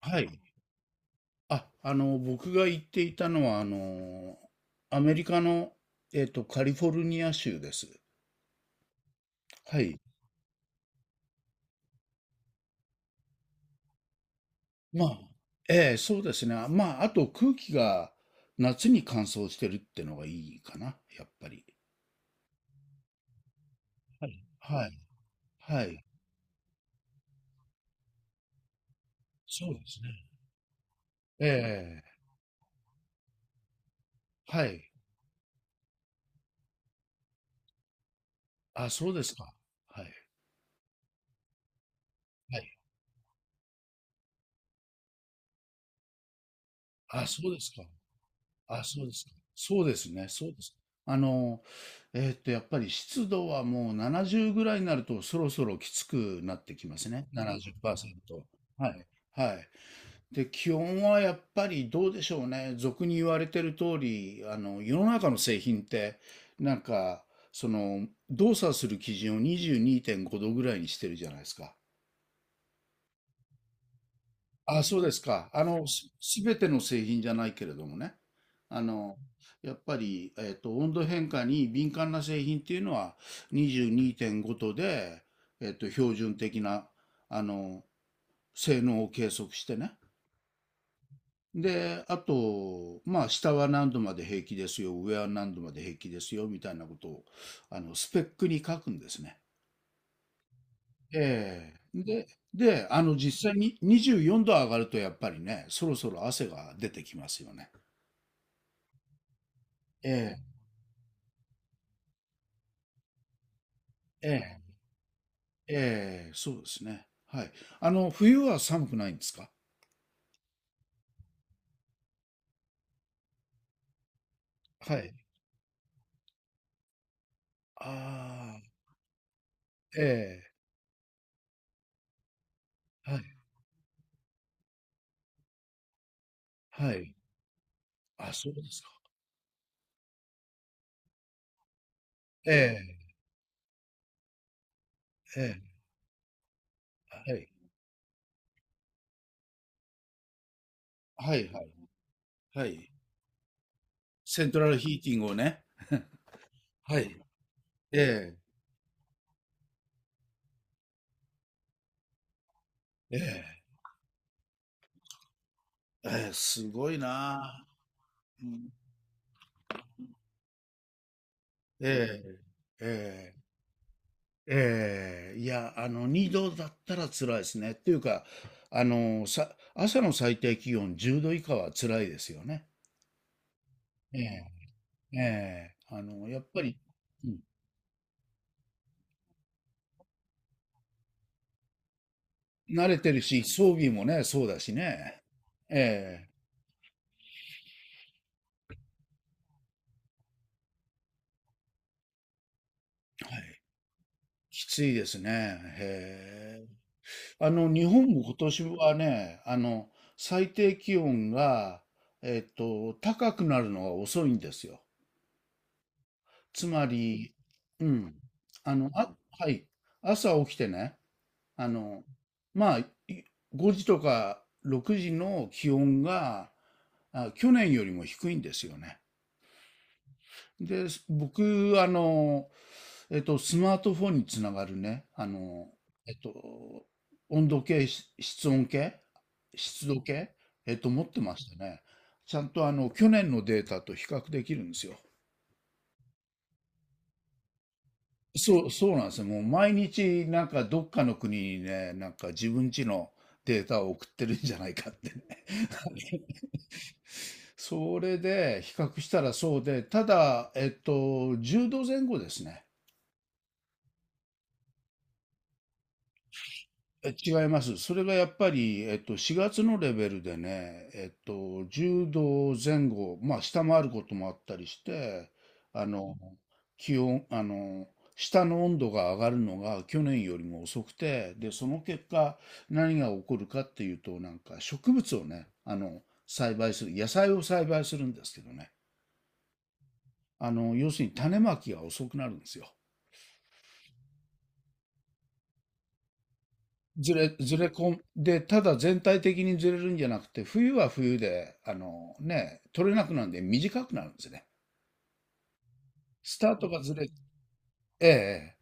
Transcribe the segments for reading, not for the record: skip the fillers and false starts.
はい。僕が行っていたのは、アメリカの、カリフォルニア州です。はい。まあ、ええ、そうですね。まあ、あと空気が夏に乾燥してるってのがいいかな、やっぱり。はい。はい。はい。そうですね。ええ、はい。あ、そうですか。はい。はい。あ、そうですか。あ、そうですか。そうですね、そうです。あの、やっぱり湿度はもう70ぐらいになるとそろそろきつくなってきますね。70%。はい。はい。で、気温はやっぱりどうでしょうね。俗に言われてる通り、世の中の製品って、なんか、その、動作する基準を22.5度ぐらいにしてるじゃないですか。あ、そうですか。すべての製品じゃないけれどもね。あの、やっぱり、温度変化に敏感な製品っていうのは22.5度で、標準的な、あの、性能を計測してね。で、あと、まあ、下は何度まで平気ですよ、上は何度まで平気ですよ、みたいなことを、スペックに書くんですね。ええ。で、実際に24度上がると、やっぱりね、そろそろ汗が出てきますよね。ええ、ええ、ええ、そうですね。はい。冬は寒くないんですか？はい。ああ、ええ、はい、はい。あ、そうですか。ええ、ええ、はい、はい、はい、はい。セントラルヒーティングをね。はい。ええ、ええ、ええ、すごいな。うん。ええ、ええ、ええ、いや、2度だったら辛いですね。っていうか、朝の最低気温10度以下は辛いですよね。ええええ、やっぱり、うん、慣れてるし、装備もね、そうだしね。ええ、はい。きついですね。へえ。日本も今年はね、最低気温が、高くなるのが遅いんですよ。つまり、うん。あ、はい。朝起きてね、あの、まあ、5時とか6時の気温が、あ、去年よりも低いんですよね。で、僕、スマートフォンにつながるね、えっと、温度計、室温計、湿度計、持ってましたね。ちゃんと去年のデータと比較できるんですよ。そう、そうなんですよ。もう毎日、なんかどっかの国にね、なんか自分家のデータを送ってるんじゃないかってね。それで比較したらそうで、ただ、10度前後ですね。え、違います。それがやっぱり、4月のレベルでね、10度前後、まあ、下回ることもあったりして、あの、気温、下の温度が上がるのが去年よりも遅くて、で、その結果、何が起こるかっていうと、なんか植物をね、栽培する、野菜を栽培するんですけどね、要するに種まきが遅くなるんですよ。ずれ込んで、ただ全体的にずれるんじゃなくて、冬は冬で、取れなくなるんで短くなるんですね。スタートがずれ、ええ、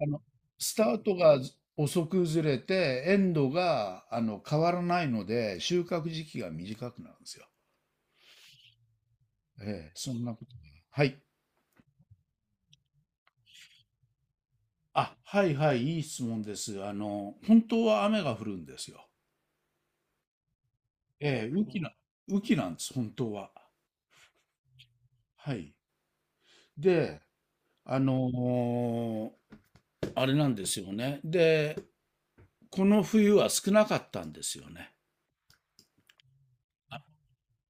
あの、スタートが遅くずれて、エンドが、変わらないので、収穫時期が短くなるんですよ。ええ、そんなこと。はい。あ、はいはい、いい質問です。本当は雨が降るんですよ。ええ、雨季なんです、本当は。はい。で、あのーあれなんですよね。で、この冬は少なかったんですよね。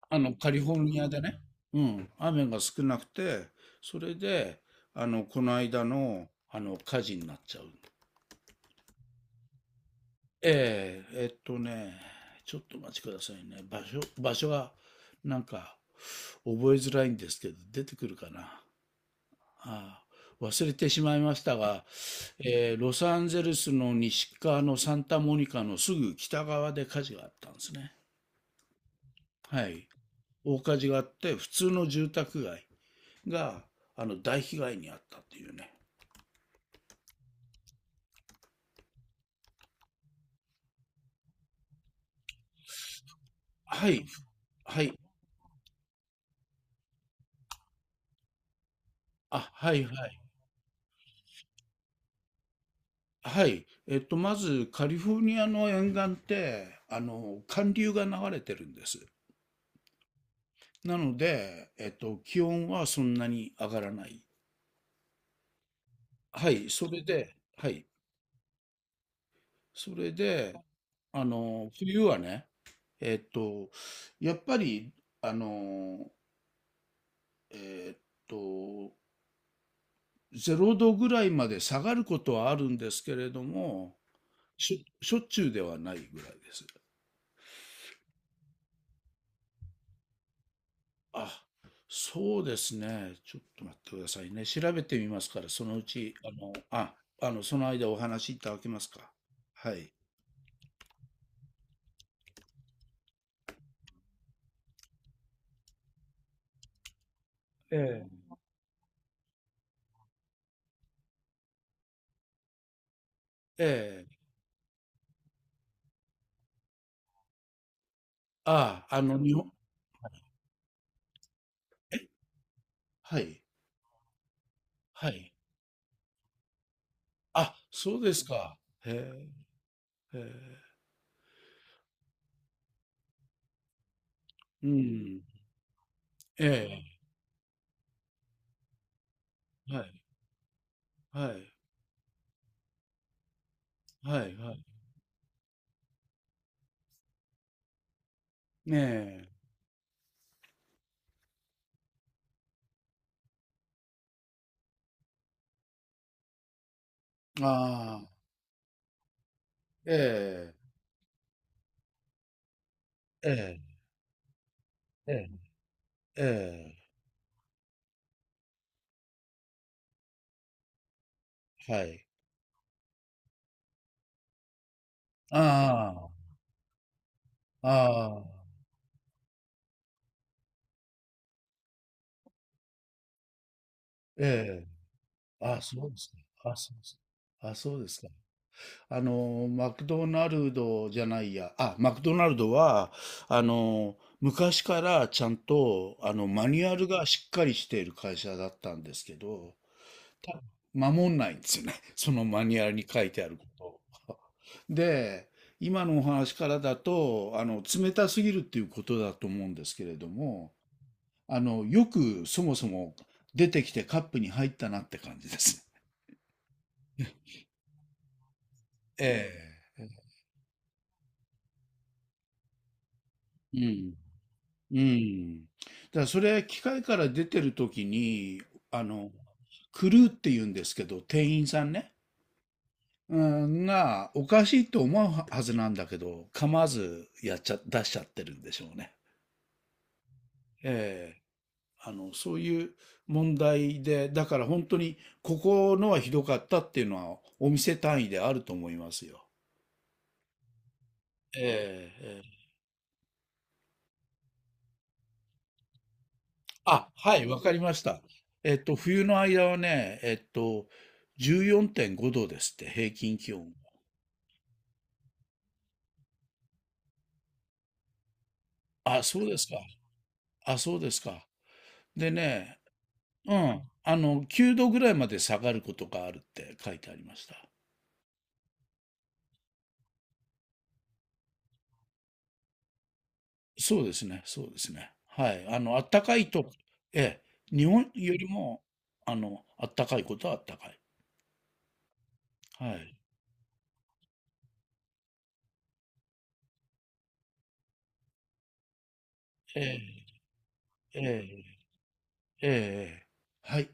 カリフォルニアでね。うん、雨が少なくて、それで、この間の、火事になっちゃう。ええ、ちょっとお待ちくださいね。場所は、なんか、覚えづらいんですけど、出てくるかな。ああ、忘れてしまいましたが、ロサンゼルスの西側のサンタモニカのすぐ北側で火事があったんですね。はい、大火事があって、普通の住宅街が、大被害に遭ったっていうね。はい、はい、あ、はいはい。はい。まず、カリフォルニアの沿岸って、寒流が流れてるんです。なので、気温はそんなに上がらない。はい、それで、はい、それで、冬はね、えっと、やっぱり、あの、えっと、0度ぐらいまで下がることはあるんですけれども、しょっちゅうではないぐらいです。あ、そうですね。ちょっと待ってくださいね。調べてみますから、そのうち、その間お話しいただけますか？はい。ええ、ええ。あ、日本、え、はい、はい。あ、そうですか。へえ、へえ、うん、ええ、はい、はい、はい、はい。ねえ、ああ、ええ、ええ、ええええ、はい。ああ、ああ、ええ、あ、そうですね。あ、そうです。あ、そうですか。マクドナルドじゃないや。あ、マクドナルドは、あの、昔からちゃんと、マニュアルがしっかりしている会社だったんですけど、た守んないんですよね。そのマニュアルに書いてあることを。で、今のお話からだと、冷たすぎるっていうことだと思うんですけれども、よくそもそも出てきてカップに入ったなって感じです。ええ。うん。うん。だからそれ、機械から出てる時に、あの、クルーって言うんですけど、店員さんね。うん、が、おかしいと思うははずなんだけど、構わずやっちゃ、出しちゃってるんでしょうね。ええ。そういう問題で、だから本当に、ここのはひどかったっていうのは、お店単位であると思いますよ。ええ。あ、はい、わかりました。冬の間はね、14.5度ですって、平均気温。あ、そうですか。あ、そうですか。でね、うん、9度ぐらいまで下がることがあるって書いてありました。そうですね、そうですね。はい、暖かいと、ええ、日本よりも、あの、暖かいことは暖かい。はい。ええ、ええ、ええ、ええはい。